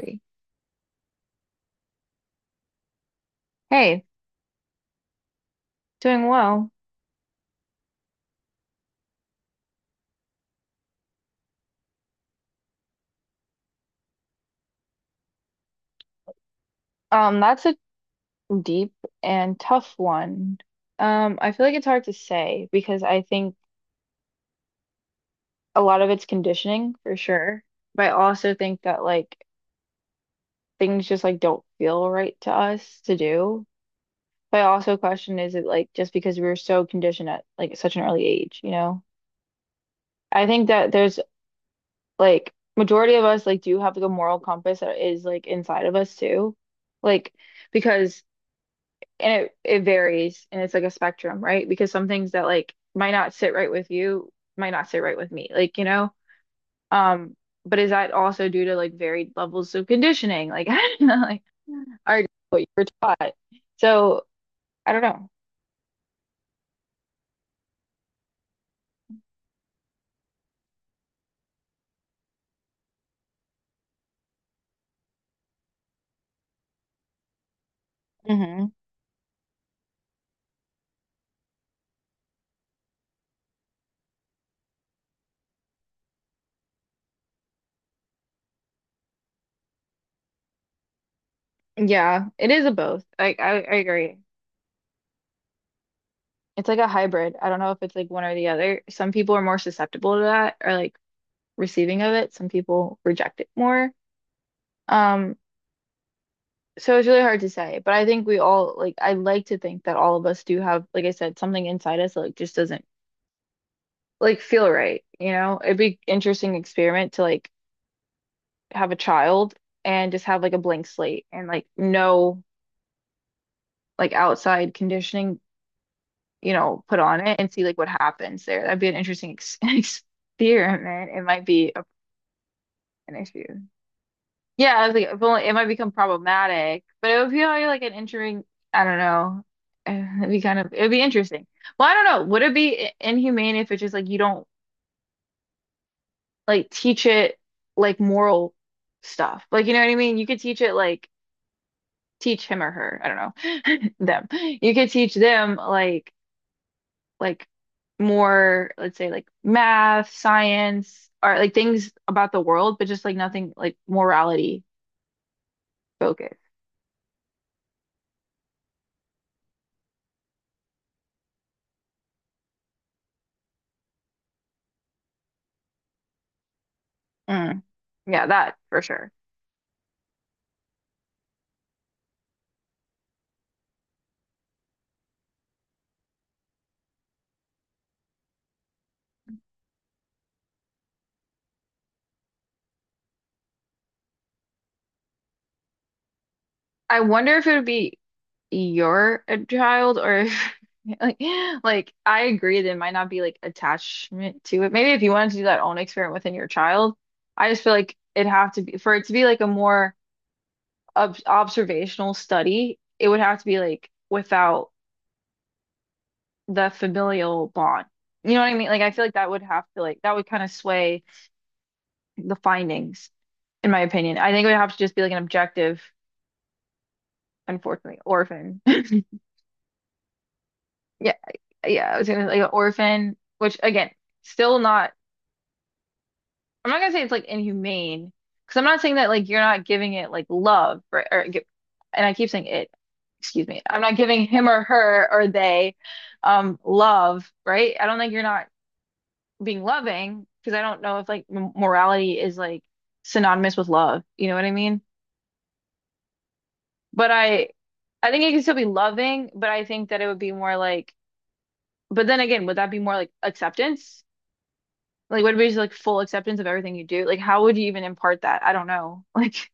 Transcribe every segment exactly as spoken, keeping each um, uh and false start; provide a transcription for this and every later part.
Three. Hey, doing well. Um, that's a deep and tough one. Um, I feel like it's hard to say because I think a lot of it's conditioning for sure, but I also think that like things just like don't feel right to us to do. But I also question is it like just because we were so conditioned at like such an early age, you know? I think that there's like majority of us like do have like a moral compass that is like inside of us too. Like because and it it varies and it's like a spectrum, right? Because some things that like might not sit right with you might not sit right with me. Like, you know, um, but is that also due to like varied levels of conditioning? Like, I don't know, like or what you were taught. So I don't know. Hmm. Yeah, it is a both. Like I, I agree. It's like a hybrid. I don't know if it's like one or the other. Some people are more susceptible to that or like receiving of it. Some people reject it more. Um, So it's really hard to say, but I think we all like I like to think that all of us do have, like I said, something inside us that like just doesn't like feel right, you know? It'd be interesting experiment to like have a child and just have like a blank slate and like no like outside conditioning, you know, put on it and see like what happens there. That'd be an interesting ex experiment. It might be a, an issue. Yeah, I was like, if only it might become problematic, but it would be like, like an interesting. I don't know. Uh, It'd be kind of it'd be interesting. Well, I don't know. Would it be i- inhumane if it's just like you don't like teach it like moral stuff? Like you know what I mean? You could teach it like teach him or her. I don't know them. You could teach them like like more let's say like math, science, or like things about the world, but just like nothing like morality focused. Mm, yeah, that for sure. I wonder if it would be you're a child or if, like, like I agree there might not be like attachment to it. Maybe if you wanted to do that own experiment within your child, I just feel like it'd have to be for it to be like a more ob observational study, it would have to be like without the familial bond. You know what I mean? Like I feel like that would have to like that would kind of sway the findings, in my opinion. I think it would have to just be like an objective, unfortunately, orphan. Yeah, yeah, I was gonna like an orphan, which again, still not. I'm not gonna say it's like inhumane, because I'm not saying that like you're not giving it like love, right? Or, gi- and I keep saying it. Excuse me. I'm not giving him or her or they, um, love, right? I don't think you're not being loving, because I don't know if like m morality is like synonymous with love. You know what I mean? But I, I think it can still be loving, but I think that it would be more like. But then again, would that be more like acceptance? Like, what about just like full acceptance of everything you do? Like, how would you even impart that? I don't know. Like,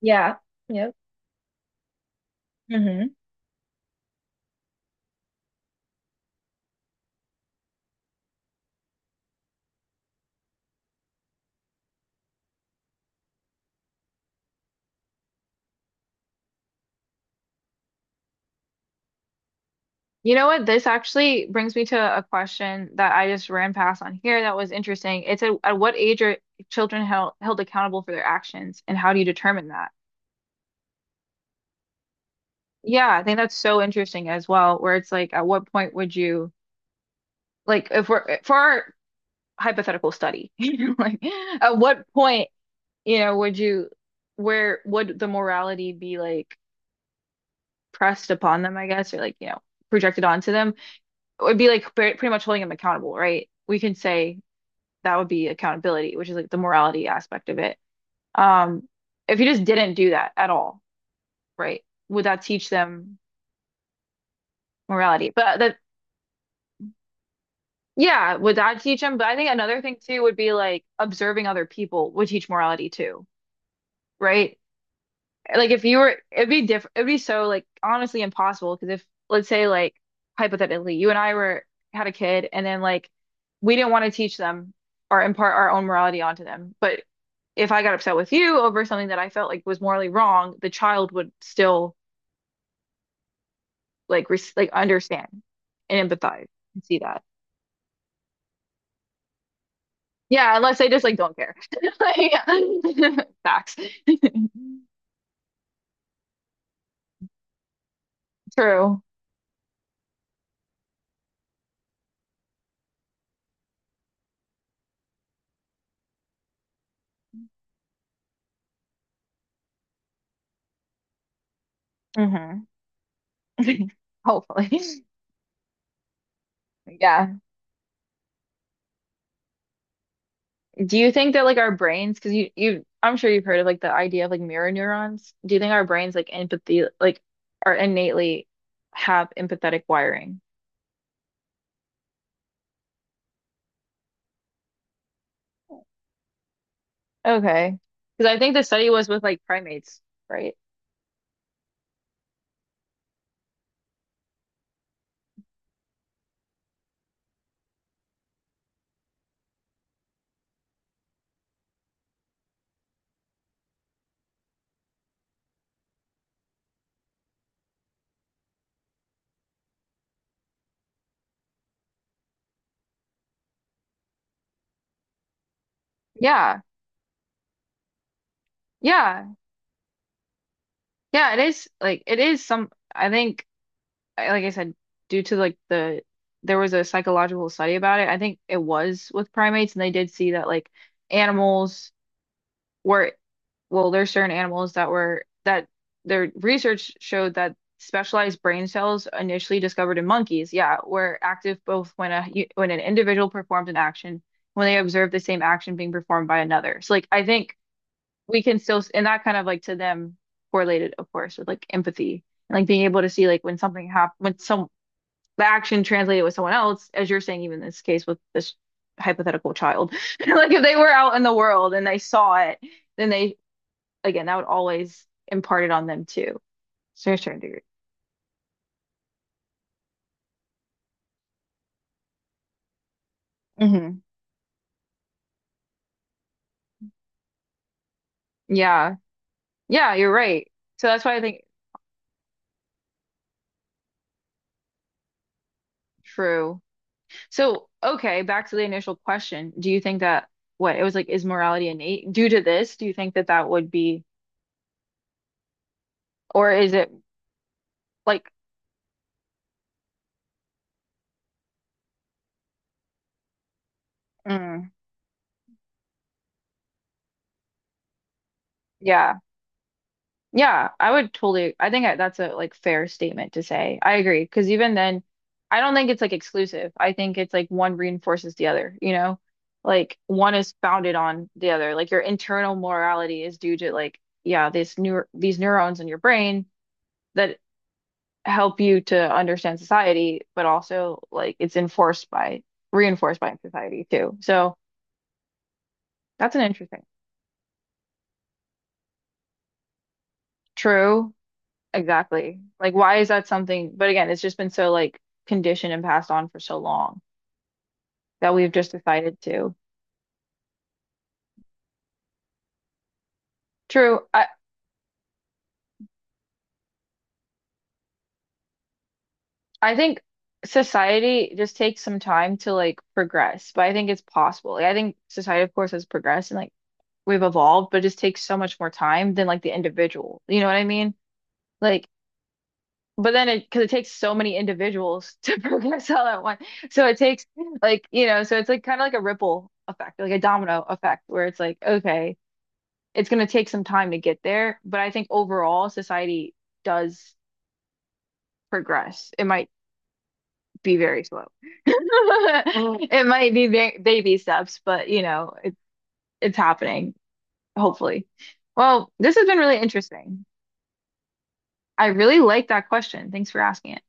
Yeah. Yep. Hmm. You know what? This actually brings me to a question that I just ran past on here that was interesting. It said, at what age are children held held accountable for their actions, and how do you determine that? Yeah, I think that's so interesting as well, where it's like, at what point would you like if we're for our hypothetical study, you know, like at what point, you know, would you where would the morality be like? Pressed upon them, I guess, or like, you know, projected onto them, it would be like pretty much holding them accountable, right? We can say that would be accountability, which is like the morality aspect of it. Um, if you just didn't do that at all, right? Would that teach them morality? But that, yeah, would that teach them? But I think another thing too would be like observing other people would teach morality too, right? Like if you were, it'd be different. It'd be so like honestly impossible because if let's say like hypothetically you and I were had a kid and then like we didn't want to teach them or impart our own morality onto them, but if I got upset with you over something that I felt like was morally wrong, the child would still like res like understand and empathize and see that. Yeah, unless they just like don't care. Like, facts. True. Hmm. Hopefully. Yeah. Do you think that like our brains, because you you I'm sure you've heard of like the idea of like mirror neurons. Do you think our brains like empathy like are innately have empathetic wiring? Okay. Because I think the study was with like primates, right? Yeah. Yeah. Yeah, it is like it is some I think I- like I said due to like the there was a psychological study about it. I think it was with primates and they did see that like animals were well, there's certain animals that were that their research showed that specialized brain cells initially discovered in monkeys, yeah, were active both when a when an individual performed an action, when they observed the same action being performed by another. So like I think we can still s- and that kind of like to them correlated, of course, with like empathy and like being able to see like when something happened when some the action translated with someone else, as you're saying, even in this case with this hypothetical child. Like if they were out in the world and they saw it then they again, that would always impart it on them too. So you're starting to hmm. Yeah. Yeah, you're right. So that's why I think true. So, okay, back to the initial question. Do you think that what it was like, is morality innate due to this? Do you think that that would be, or is it like, Mm. Yeah. Yeah, I would totally. I think I, that's a like fair statement to say. I agree because even then, I don't think it's like exclusive. I think it's like one reinforces the other, you know? Like one is founded on the other. Like your internal morality is due to like yeah, this new these neurons in your brain that help you to understand society, but also like it's enforced by reinforced by society too. So that's an interesting. True. Exactly. Like, why is that something? But again, it's just been so like conditioned and passed on for so long that we've just decided to. True. I I think society just takes some time to like progress, but I think it's possible. Like, I think society, of course, has progressed and like we've evolved, but it just takes so much more time than like the individual. You know what I mean? Like, but then it because it takes so many individuals to progress all at once, so it takes like you know, so it's like kind of like a ripple effect, like a domino effect, where it's like okay. It's going to take some time to get there, but I think overall society does progress. It might be very slow. It might be ba baby steps, but you know, it, it's happening, hopefully. Well, this has been really interesting. I really like that question. Thanks for asking it.